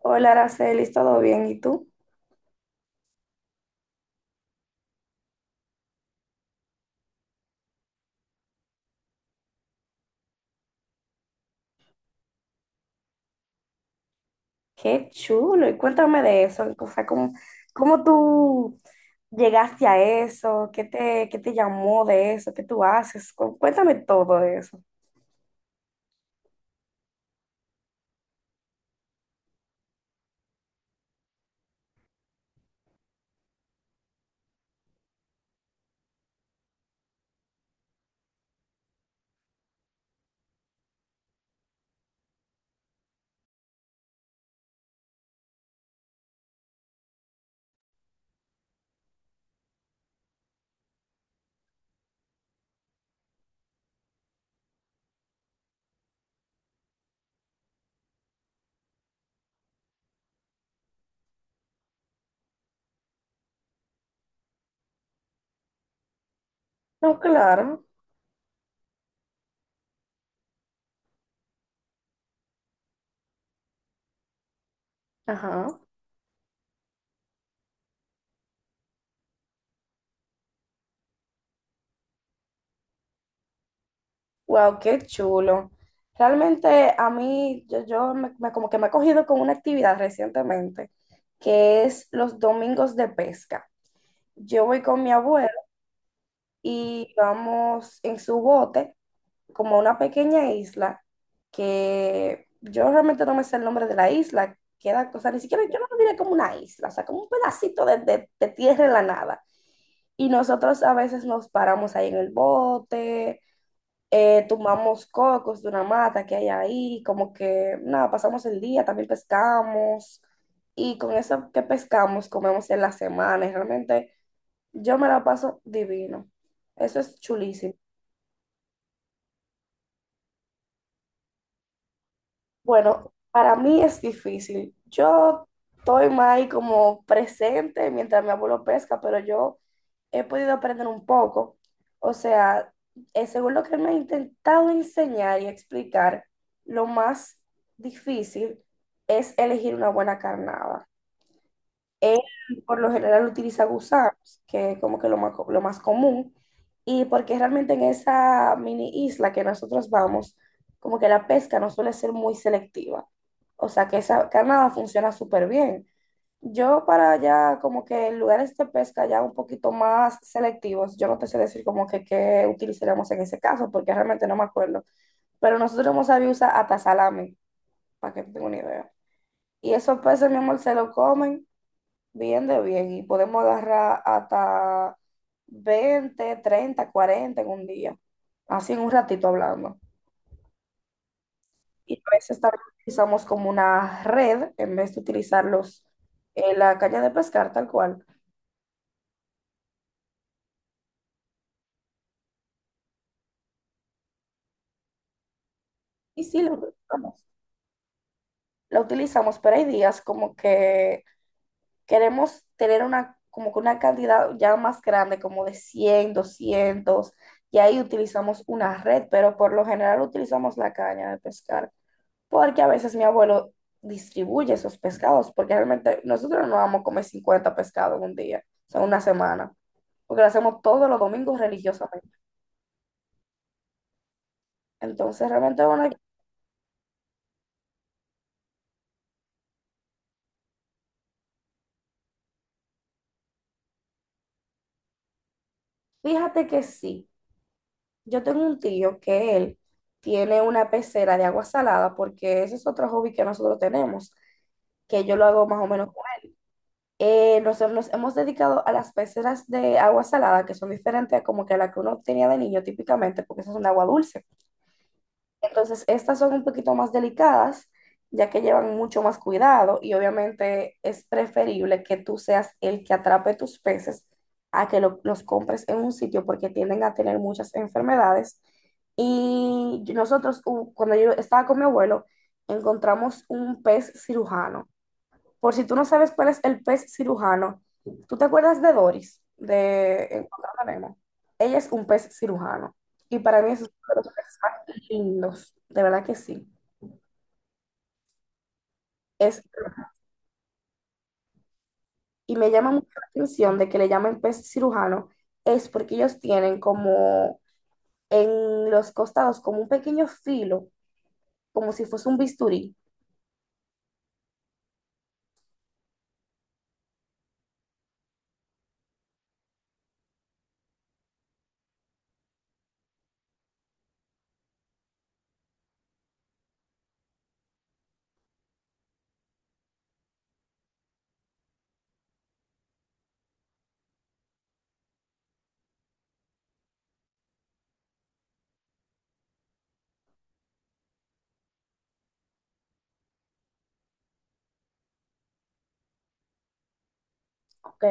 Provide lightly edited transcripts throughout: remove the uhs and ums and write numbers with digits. Hola, Araceli, ¿todo bien? ¿Y tú? Qué chulo. Y cuéntame de eso. O sea, ¿cómo, cómo tú llegaste a eso? Qué te llamó de eso? ¿Qué tú haces? Cuéntame todo de eso. No, claro. Ajá. Wow, qué chulo. Realmente a mí, como que me he cogido con una actividad recientemente, que es los domingos de pesca. Yo voy con mi abuelo y vamos en su bote como a una pequeña isla que yo realmente no me sé el nombre de la isla, queda, o sea, ni siquiera yo no lo diré como una isla, o sea, como un pedacito de, de tierra en la nada. Y nosotros a veces nos paramos ahí en el bote, tomamos cocos de una mata que hay ahí, como que nada, pasamos el día, también pescamos. Y con eso que pescamos, comemos en la semana. Y realmente yo me la paso divino. Eso es chulísimo. Bueno, para mí es difícil. Yo estoy más ahí como presente mientras mi abuelo pesca, pero yo he podido aprender un poco. O sea, según lo que él me ha intentado enseñar y explicar, lo más difícil es elegir una buena carnada. Él por lo general utiliza gusanos, que es como que lo más, lo más común, y porque realmente en esa mini isla que nosotros vamos, como que la pesca no suele ser muy selectiva. O sea que esa carnada funciona súper bien. Yo para allá, como que en lugares de pesca ya un poquito más selectivos, yo no te sé decir como que qué utilizaríamos en ese caso, porque realmente no me acuerdo. Pero nosotros hemos sabido usar hasta salami, para que tenga una idea. Y esos peces, mi amor, se lo comen. Bien de bien. Y podemos agarrar hasta 20, 30, 40 en un día. Así en un ratito hablando. Y a veces también utilizamos como una red en vez de utilizar los, la caña de pescar tal cual. Y sí, la utilizamos. La utilizamos, pero hay días como que queremos tener una, como que una cantidad ya más grande, como de 100, 200. Y ahí utilizamos una red, pero por lo general utilizamos la caña de pescar, porque a veces mi abuelo distribuye esos pescados, porque realmente nosotros no vamos a comer 50 pescados en un día, o sea, una semana, porque lo hacemos todos los domingos religiosamente. Entonces, realmente, bueno, fíjate que sí, yo tengo un tío que él tiene una pecera de agua salada, porque ese es otro hobby que nosotros tenemos, que yo lo hago más o menos. Nosotros nos hemos dedicado a las peceras de agua salada, que son diferentes a como que a la que uno tenía de niño típicamente, porque esas son de agua dulce. Entonces, estas son un poquito más delicadas, ya que llevan mucho más cuidado y obviamente es preferible que tú seas el que atrape tus peces a que los compres en un sitio porque tienden a tener muchas enfermedades. Y nosotros, cuando yo estaba con mi abuelo, encontramos un pez cirujano. Por si tú no sabes cuál es el pez cirujano, ¿tú te acuerdas de Doris, de Encontrando a Nemo? Ella es un pez cirujano. Y para mí es uno de los peces más lindos, de verdad que sí. Es, y me llama mucho la atención de que le llamen pez cirujano, es porque ellos tienen como en los costados, como un pequeño filo, como si fuese un bisturí. Ok.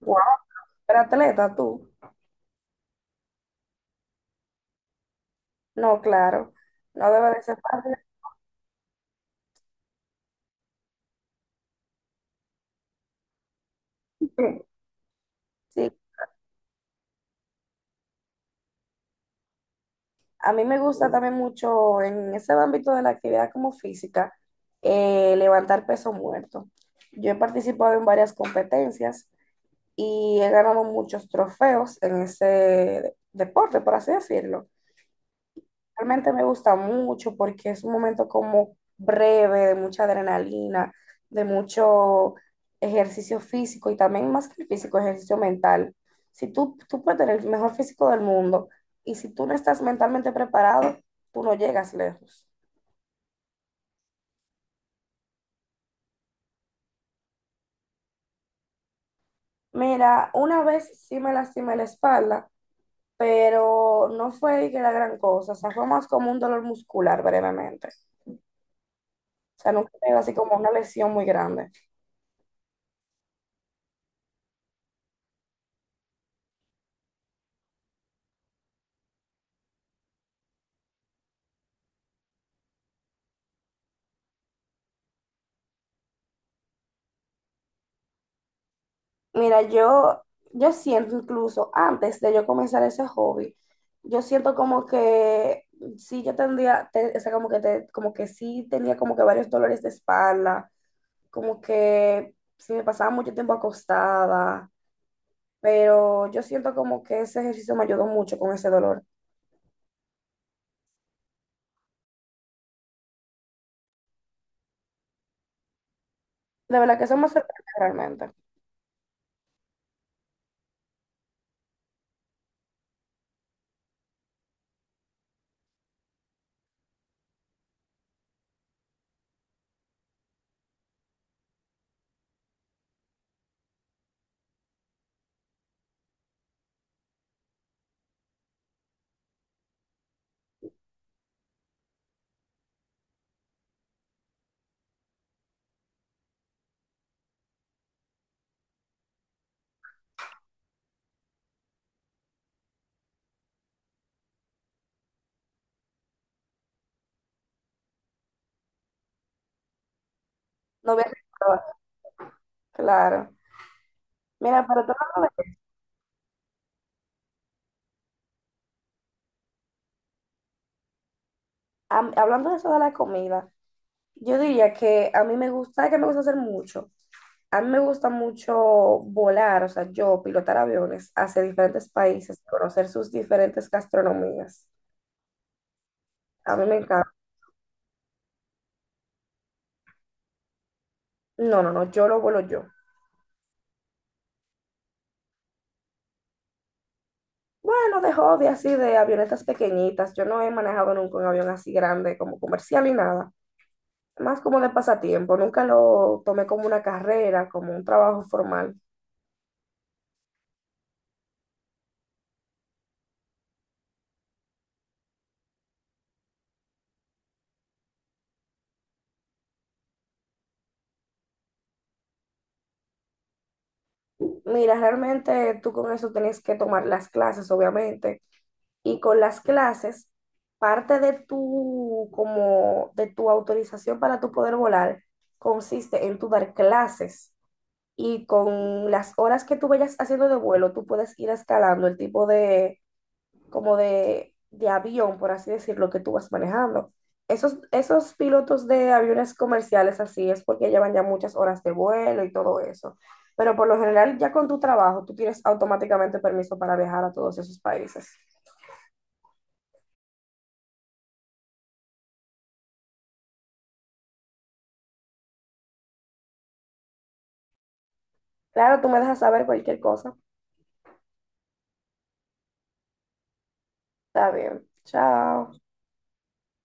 Wow, pero atleta tú. No, claro. No debe de ser fácil. Sí, a mí me gusta también mucho en ese ámbito de la actividad como física, levantar peso muerto. Yo he participado en varias competencias y he ganado muchos trofeos en ese deporte, por así decirlo. Realmente me gusta mucho porque es un momento como breve, de mucha adrenalina, de mucho ejercicio físico y también más que el físico, ejercicio mental. Si tú puedes tener el mejor físico del mundo y si tú no estás mentalmente preparado, tú no llegas lejos. Mira, una vez sí me lastimé la espalda, pero no fue de que la gran cosa, o sea, fue más como un dolor muscular brevemente. O sea, nunca fue así como una lesión muy grande. Mira, yo, yo siento incluso antes de yo comenzar ese hobby, yo siento como que sí yo tendría, o sea, como que sí tenía como que varios dolores de espalda, como que sí me pasaba mucho tiempo acostada, pero yo siento como que ese ejercicio me ayudó mucho con ese dolor. De verdad que eso me sorprende realmente. No voy a, claro. Mira, pero otro lado, hablando de eso de la comida, yo diría que a mí me gusta, que me gusta hacer mucho. A mí me gusta mucho volar, o sea, yo pilotar aviones hacia diferentes países, conocer sus diferentes gastronomías. A mí me encanta. No, no, no, yo lo vuelo yo. Bueno, de hobby así, de avionetas pequeñitas. Yo no he manejado nunca un avión así grande como comercial ni nada. Más como de pasatiempo. Nunca lo tomé como una carrera, como un trabajo formal. Mira, realmente tú con eso tenías que tomar las clases, obviamente, y con las clases, parte de tu, como, de tu autorización para tu poder volar consiste en tu dar clases y con las horas que tú vayas haciendo de vuelo, tú puedes ir escalando el tipo de, como de avión, por así decirlo, que tú vas manejando. Esos pilotos de aviones comerciales así es porque llevan ya muchas horas de vuelo y todo eso. Pero por lo general, ya con tu trabajo, tú tienes automáticamente permiso para viajar a todos esos países. Claro, tú me dejas saber cualquier cosa. Está bien. Chao.